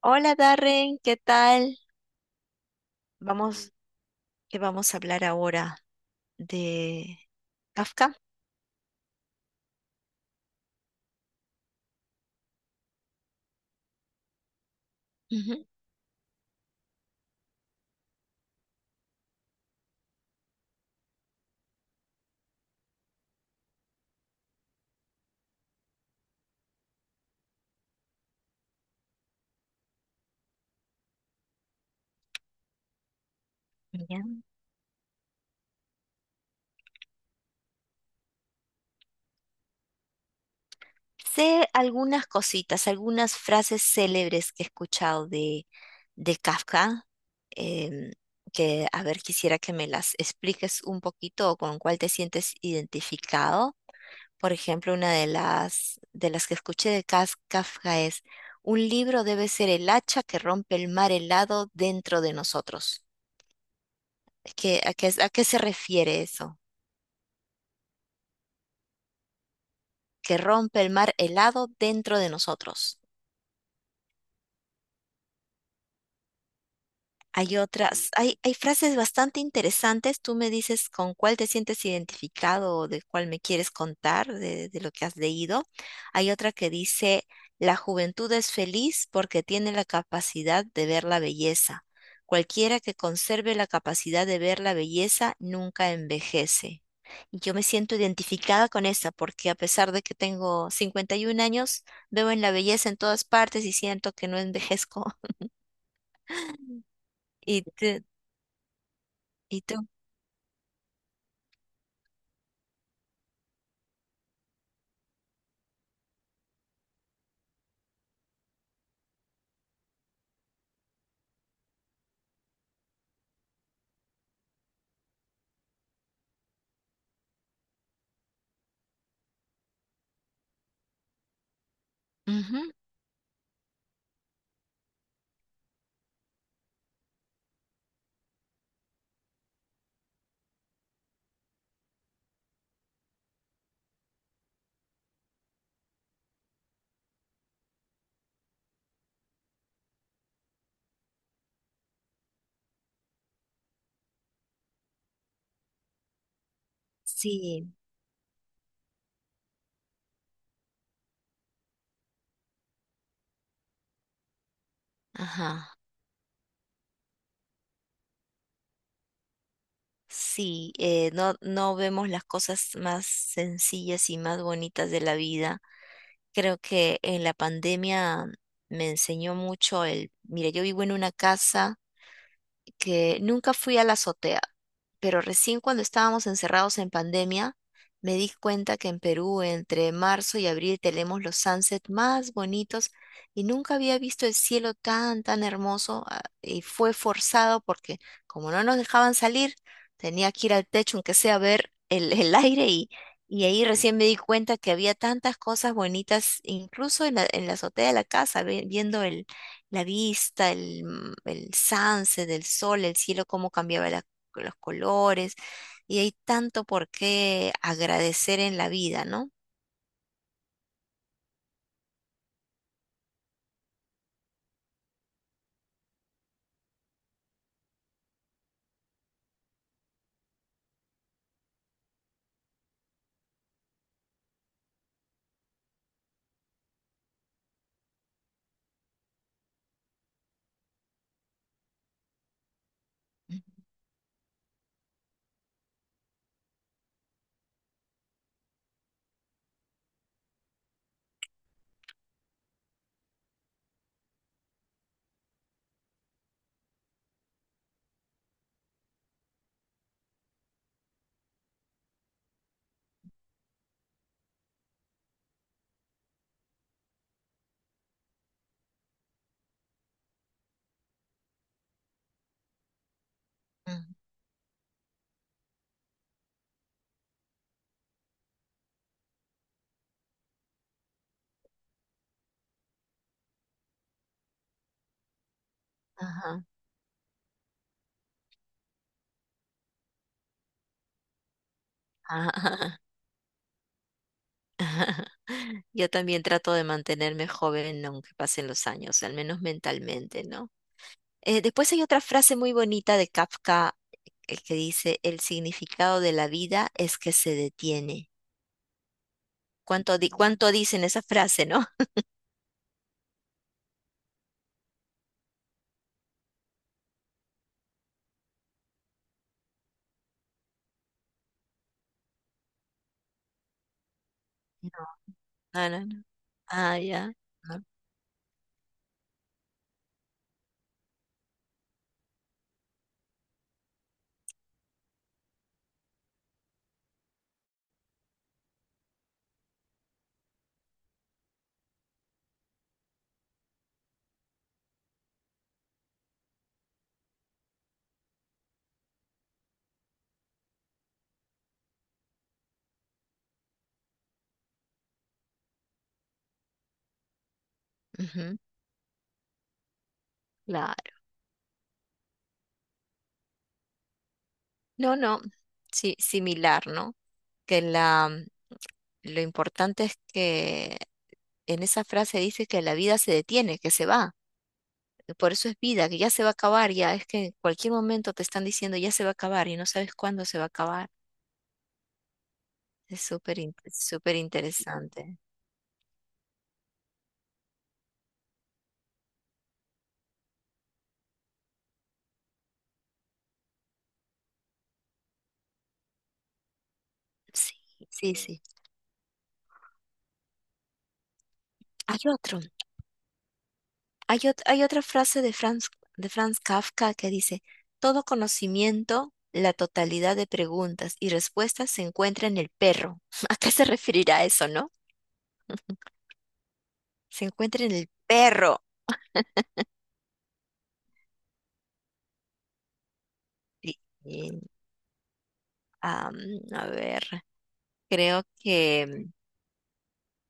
Hola Darren, ¿qué tal? Vamos, que vamos a hablar ahora de Kafka. Ujú, ya. Sé algunas cositas, algunas frases célebres que he escuchado de Kafka, em, que a ver, quisiera que me las expliques un poquito o con cuál te sientes identificado. Por ejemplo, una de de las que escuché de Kafka es, un libro debe ser el hacha que rompe el mar helado dentro de nosotros. Es que, ¿a a qué se refiere eso? Que rompe el mar helado dentro de nosotros. Hay otras, hay frases bastante interesantes. Tú me dices con cuál te sientes identificado o de cuál me quieres contar de lo que has leído. Hay otra que dice, la juventud es feliz porque tiene la capacidad de ver la belleza. Cualquiera que conserve la capacidad de ver la belleza nunca envejece. Y yo me siento identificada con esa porque a pesar de que tengo 51 años, veo en la belleza en todas partes y siento que no envejezco. ¿Y, y tú? Ujú. Sí, ajá. Sí, no vemos las cosas más sencillas y más bonitas de la vida. Creo que en la pandemia me enseñó mucho el, mira, yo vivo en una casa que nunca fui a la azotea, pero recién cuando estábamos encerrados en pandemia, me di cuenta que en Perú entre marzo y abril tenemos los sunsets más bonitos y nunca había visto el cielo tan, tan hermoso ah, y fue forzado porque como no nos dejaban salir, tenía que ir al techo, aunque sea a ver el aire y ahí recién me di cuenta que había tantas cosas bonitas, incluso en en la azotea de la casa, viendo el la vista, el sunset del sol, el cielo, cómo cambiaba los colores. Y hay tanto por qué agradecer en la vida, ¿no? Mm. Ajá. Yo también trato de mantenerme joven aunque pasen los años, al menos mentalmente, ¿no? Después hay otra frase muy bonita de Kafka, el que dice, el significado de la vida es que se detiene. ¿Cuánto, cuánto dicen esa frase, no? No, no. Ah, ya. No. Ujú. Claro. No, no, sí, similar, ¿no? Que lo importante es que en esa frase dice que la vida se detiene, que se va. Por eso es vida, que ya se va a acabar, ya es que en cualquier momento te están diciendo ya se va a acabar y no sabes cuándo se va a acabar. Es súper interesante. Sí, sí, sí. Hay otro, hay otra frase de Franz Kafka que dice, todo conocimiento, la totalidad de preguntas y respuestas se encuentra en el perro. ¿A qué se referirá eso, no? Se encuentra en el perro. Y- y, am, a ver, creo que mm,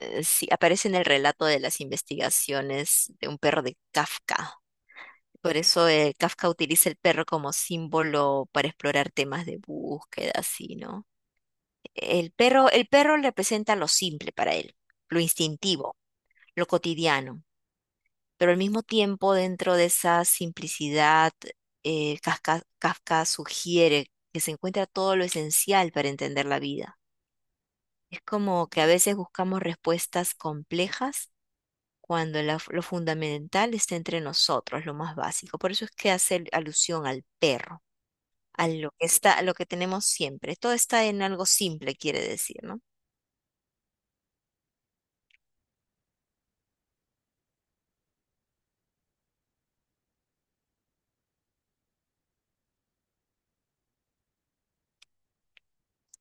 eh, sí, aparece en el relato de las investigaciones de un perro de Kafka. Por eso Kafka utiliza el perro como símbolo para explorar temas de búsqueda, así, ¿no? El perro representa lo simple para él, lo instintivo, lo cotidiano, pero al mismo tiempo dentro de esa simplicidad, Kafka sugiere que se encuentra todo lo esencial para entender la vida. Es como que a veces buscamos respuestas complejas cuando lo fundamental está entre nosotros, lo más básico. Por eso es que hace alusión al perro, a lo que está, a lo que tenemos siempre. Todo está en algo simple, quiere decir, ¿no?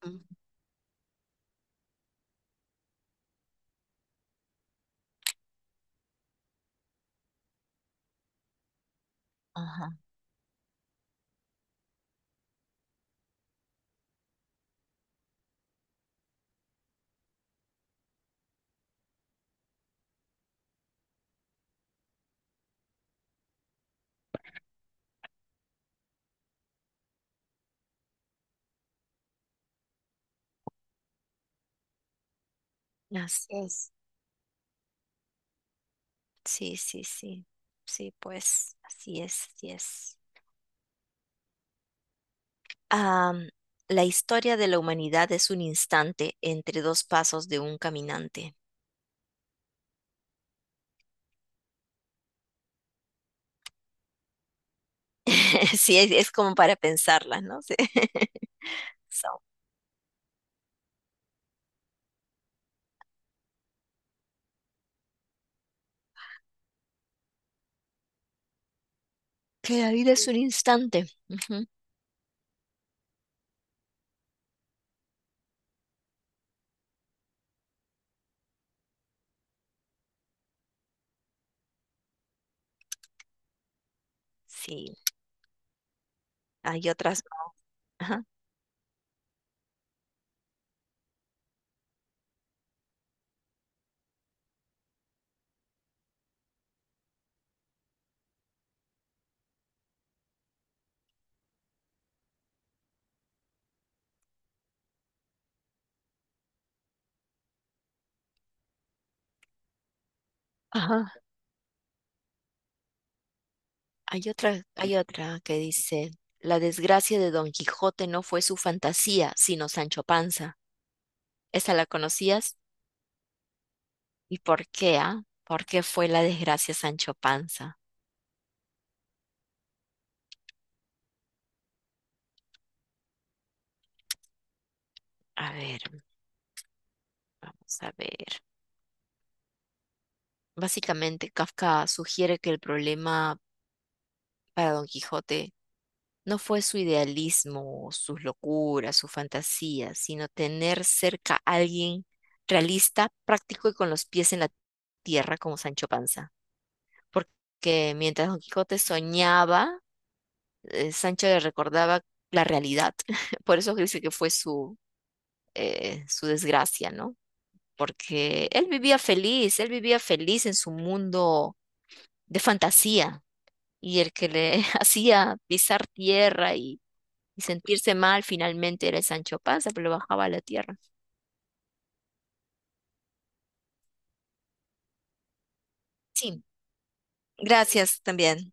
Mm. Ajá, así es. Sí, sí, sí. Sí, pues así es, así es. Am, la historia de la humanidad es un instante entre dos pasos de un caminante. Sí, es como para pensarla, ¿no? Sí. So, que la vida es un instante. Ujú. Sí, hay otras. Ajá, ajá. Hay otra que dice, la desgracia de Don Quijote no fue su fantasía, sino Sancho Panza. ¿Esa la conocías? ¿Y por qué, ah? ¿Por qué fue la desgracia Sancho Panza? A ver, vamos a ver. Básicamente, Kafka sugiere que el problema para Don Quijote no fue su idealismo, sus locuras, sus fantasías, sino tener cerca a alguien realista, práctico y con los pies en la tierra como Sancho Panza. Porque mientras Don Quijote soñaba, Sancho le recordaba la realidad. Por eso dice que fue su desgracia, ¿no? Porque él vivía feliz en su mundo de fantasía y el que le hacía pisar tierra y sentirse mal finalmente era el Sancho Panza, pero lo bajaba a la tierra. Sí, gracias también.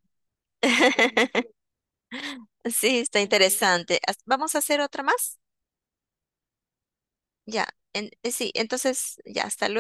Sí, está interesante. ¿Vamos a hacer otra más? Ya, sí, entonces ya, hasta luego.